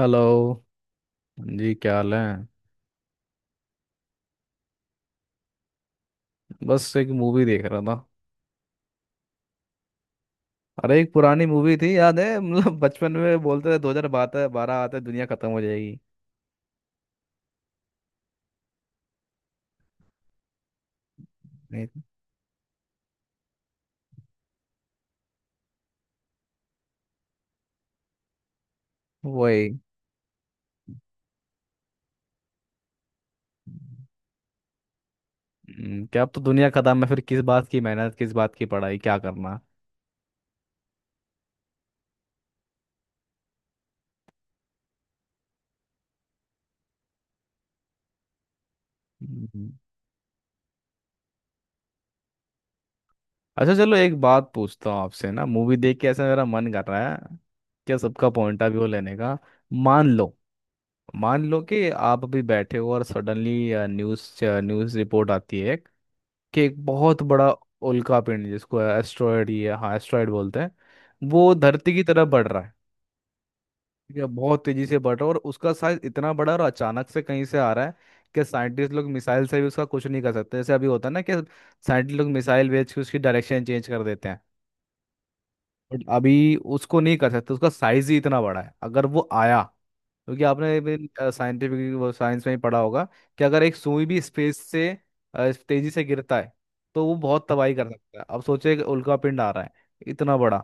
Hello. हाँ जी, क्या हाल है? बस एक मूवी देख रहा था। अरे, एक पुरानी मूवी थी, याद है? मतलब बचपन में बोलते थे 2012, बारह आते दुनिया खत्म हो जाएगी। नहीं। वही। क्या, अब तो दुनिया खत्म है, फिर किस बात की मेहनत, किस बात की पढ़ाई, क्या करना। हम्म। अच्छा चलो, एक बात पूछता हूँ आपसे ना। मूवी देख के ऐसा मेरा मन कर रहा है, क्या सबका पॉइंट ऑफ व्यू लेने का। मान लो। मान लो कि आप अभी बैठे हो और सडनली न्यूज़ न्यूज़ रिपोर्ट आती है कि एक बहुत बड़ा उल्का पिंड, जिसको एस्ट्रॉयड, ये हाँ, एस्ट्रॉयड बोलते हैं, वो धरती की तरफ बढ़ रहा है। ठीक है, बहुत तेजी से बढ़ रहा है और उसका साइज इतना बड़ा, और अचानक से कहीं से आ रहा है कि साइंटिस्ट लोग मिसाइल से भी उसका कुछ नहीं कर सकते, जैसे अभी होता है ना कि साइंटिस्ट लोग मिसाइल भेज के उसकी डायरेक्शन चेंज कर देते हैं। बट अभी उसको नहीं कर सकते, उसका साइज ही इतना बड़ा है। अगर वो आया, क्योंकि आपने भी साइंटिफिक, वो साइंस में ही पढ़ा होगा, कि अगर एक सुई भी स्पेस से तेजी से गिरता है तो वो बहुत तबाही कर सकता है। अब सोचिए, एक उल्कापिंड आ रहा है, इतना बड़ा।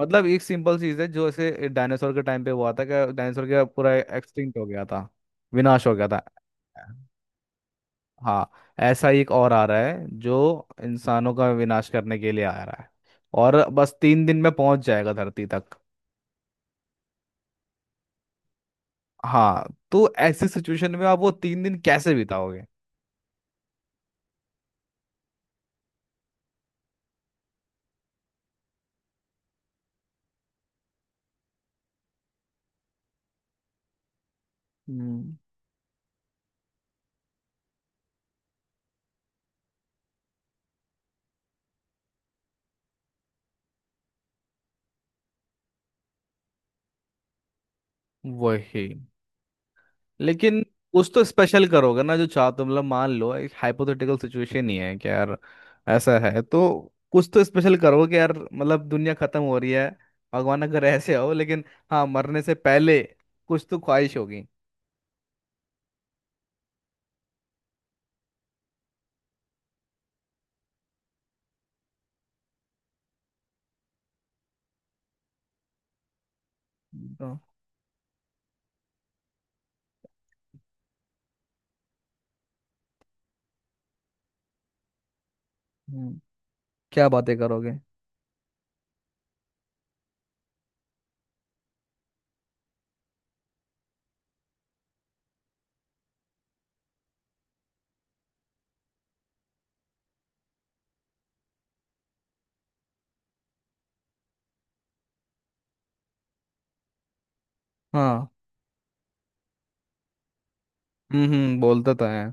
मतलब एक सिंपल चीज है, जो ऐसे डायनासोर के टाइम पे हुआ था कि डायनासोर का पूरा एक्सटिंक्ट हो गया था, विनाश हो गया था। हाँ। ऐसा ही एक और आ रहा है, जो इंसानों का विनाश करने के लिए आ रहा है, और बस 3 दिन में पहुंच जाएगा धरती तक। हाँ। तो ऐसी सिचुएशन में आप वो 3 दिन कैसे बिताओगे? हम्म। वही। लेकिन कुछ तो स्पेशल करोगे ना, जो चाहते हो। मतलब मान लो, एक हाइपोथेटिकल सिचुएशन ही है कि यार ऐसा है, तो कुछ तो स्पेशल करोगे कि यार मतलब दुनिया खत्म हो रही है। भगवान अगर ऐसे हो, लेकिन हाँ, मरने से पहले कुछ तो ख्वाहिश होगी। तो हम्म, क्या बातें करोगे? हाँ। हम्म, बोलता तो है।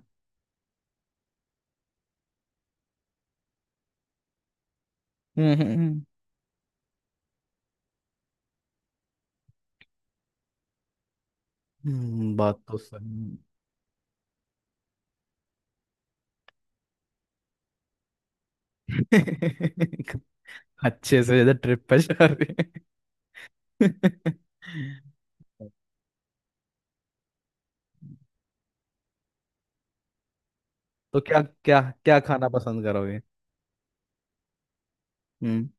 हम्म। बात तो सही है। अच्छे से इधर ट्रिप पे जा रहे हैं। तो क्या क्या क्या खाना पसंद करोगे? हम्म।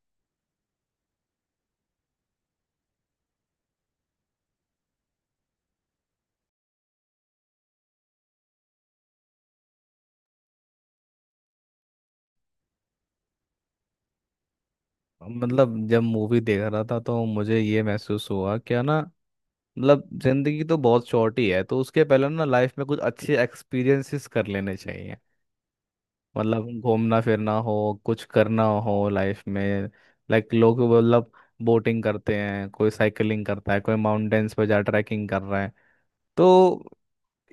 मतलब जब मूवी देख रहा था तो मुझे ये महसूस हुआ, क्या ना, मतलब जिंदगी तो बहुत शॉर्ट ही है, तो उसके पहले ना लाइफ में कुछ अच्छे एक्सपीरियंसेस कर लेने चाहिए। मतलब घूमना फिरना हो, कुछ करना हो लाइफ में, लाइक लोग मतलब बोटिंग करते हैं, कोई साइकिलिंग करता है, कोई माउंटेन्स पे जा ट्रैकिंग कर रहा है। तो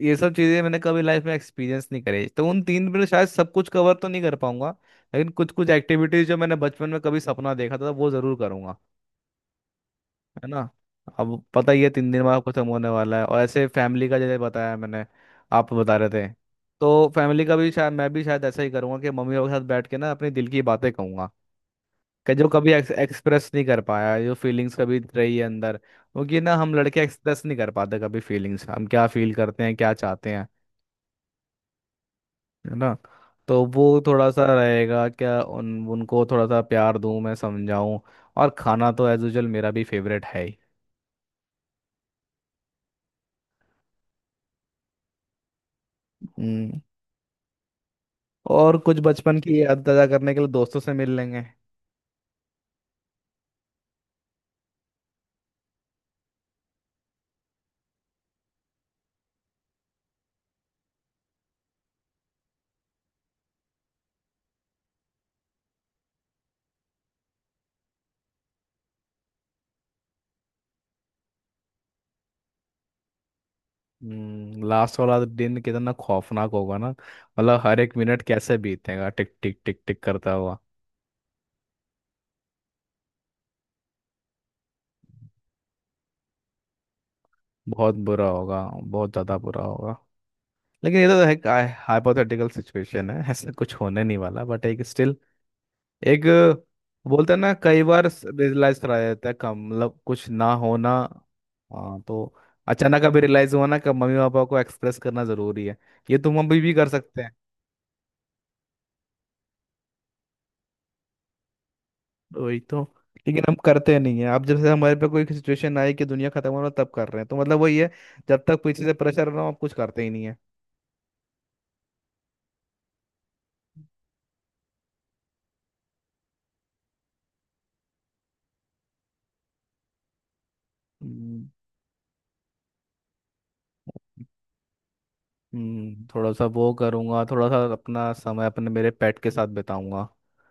ये सब चीजें मैंने कभी लाइफ में एक्सपीरियंस नहीं करी, तो उन तीन में शायद सब कुछ कवर तो नहीं कर पाऊंगा, लेकिन कुछ कुछ एक्टिविटीज जो मैंने बचपन में कभी सपना देखा था वो जरूर करूंगा। है ना। अब पता ही है 3 दिन बाद खत्म होने वाला है, और ऐसे फैमिली का, जैसे बताया मैंने, आप बता रहे थे। तो फैमिली का भी शायद, मैं भी शायद ऐसा ही करूंगा कि मम्मी पापा के साथ बैठ के ना अपने दिल की बातें कहूंगा, कि जो कभी एक्सप्रेस नहीं कर पाया, जो फीलिंग्स कभी रही है अंदर, क्योंकि ना हम लड़के एक्सप्रेस नहीं कर पाते कभी फीलिंग्स, हम क्या फील करते हैं, क्या चाहते हैं। है ना। तो वो थोड़ा सा रहेगा, क्या उन उनको थोड़ा सा प्यार दूं, मैं समझाऊं। और खाना तो एज यूजल मेरा भी फेवरेट है ही। हम्म। और कुछ बचपन की याद ताजा करने के लिए दोस्तों से मिल लेंगे। लास्ट वाला दिन कितना खौफनाक होगा ना, मतलब हर एक मिनट कैसे बीतेगा, टिक टिक टिक टिक करता हुआ। बहुत बुरा होगा, बहुत ज्यादा बुरा होगा। लेकिन ये तो है, हाइपोथेटिकल सिचुएशन है, ऐसा कुछ होने नहीं वाला, बट एक स्टिल, एक, बोलते हैं ना, कई बार रियलाइज कराया जाता है कम, मतलब कुछ ना होना। हाँ, तो अचानक अभी रियलाइज हुआ ना कि मम्मी पापा को एक्सप्रेस करना जरूरी है, ये तुम अभी भी कर सकते हैं। वही तो, लेकिन हम करते नहीं है, अब जब से हमारे पे कोई सिचुएशन आई कि दुनिया खत्म होना तब कर रहे हैं, तो मतलब वही है, जब तक पीछे से प्रेशर ना हो आप कुछ करते ही नहीं है। हम्म। थोड़ा सा वो करूंगा, थोड़ा सा अपना समय अपने मेरे पेट के साथ बिताऊंगा,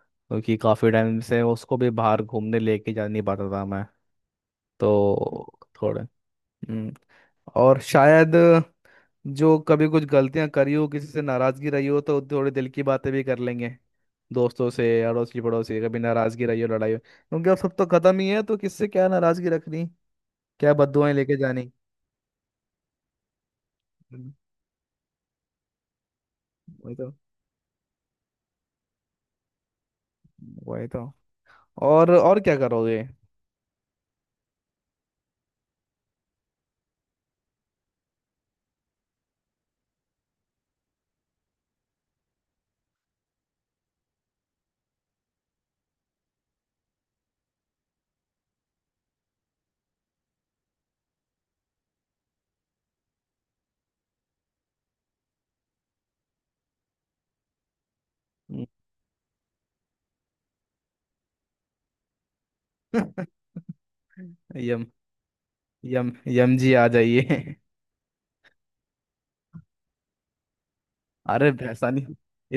क्योंकि काफी टाइम से उसको भी बाहर घूमने लेके जा नहीं पाता था मैं। तो थोड़े। हम्म। और शायद, जो कभी कुछ गलतियां करी हो, किसी से नाराजगी रही हो, तो थोड़ी दिल की बातें भी कर लेंगे, दोस्तों से, अड़ोसी पड़ोसी कभी नाराजगी रही हो, लड़ाई हो, क्योंकि अब सब तो खत्म ही है, तो किससे क्या नाराजगी रखनी, क्या बददुआएं लेके जानी। हम्म, वही तो। वही तो। और क्या करोगे? हम्म। यम। यम। यम जी आ जाइए। अरे भैसानी।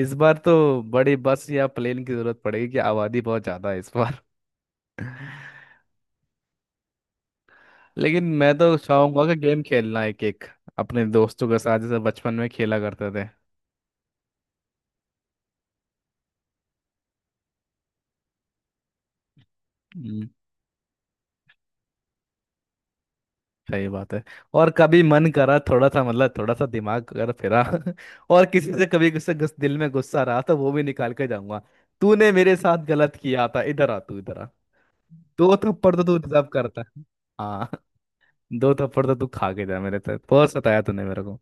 इस बार तो बड़ी बस या प्लेन की जरूरत पड़ेगी कि आबादी बहुत ज्यादा है इस बार। लेकिन मैं तो चाहूंगा कि गेम खेलना एक एक अपने दोस्तों के साथ, जैसे बचपन में खेला करते थे। हम्म, सही बात है। और कभी मन करा थोड़ा सा, मतलब थोड़ा सा दिमाग अगर फिरा, और किसी से कभी दिल में गुस्सा रहा तो वो भी निकाल के जाऊंगा। तूने मेरे साथ गलत किया था, इधर आ, तू इधर आ। दो थप्पड़ तो तू डिजर्व करता है। हाँ। दो थप्पड़ तो तू खा के जा, मेरे साथ बहुत सताया तूने मेरे को।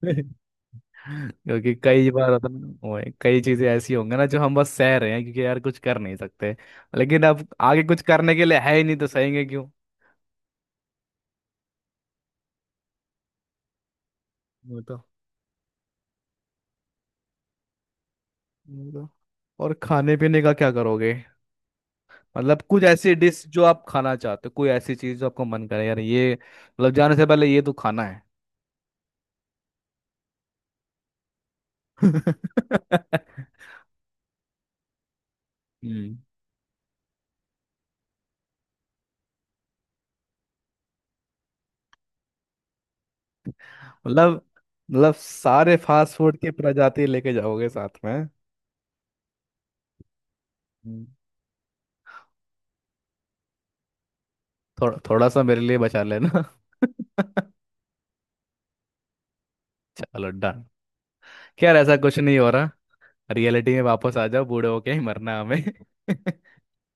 क्योंकि कई बार होता है ना, कई चीजें ऐसी होंगी ना जो हम बस सह रहे हैं, क्योंकि यार कुछ कर नहीं सकते। लेकिन अब आगे कुछ करने के लिए है ही नहीं, तो सहेंगे क्यों। वो तो। वो तो। और खाने पीने का क्या करोगे? मतलब कुछ ऐसी डिश जो आप खाना चाहते हो, कोई ऐसी चीज जो आपको मन करे, यार ये मतलब जाने से पहले ये तो खाना है। हम्म मतलब मतलब सारे फास्ट फूड की प्रजाति लेके जाओगे साथ में? हम्म। थोड़ा थोड़ा सा मेरे लिए बचा लेना। चलो डन। क्या यार, ऐसा कुछ नहीं हो रहा, रियलिटी में वापस आ जाओ, बूढ़े होके ही मरना है हमें।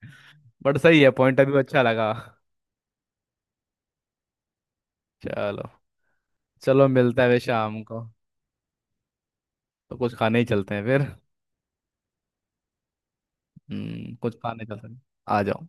बट सही है पॉइंट, अभी अच्छा लगा। चलो। चलो, मिलता है वे शाम को। तो कुछ खाने ही चलते हैं फिर। कुछ खाने चलते हैं। आ जाओ।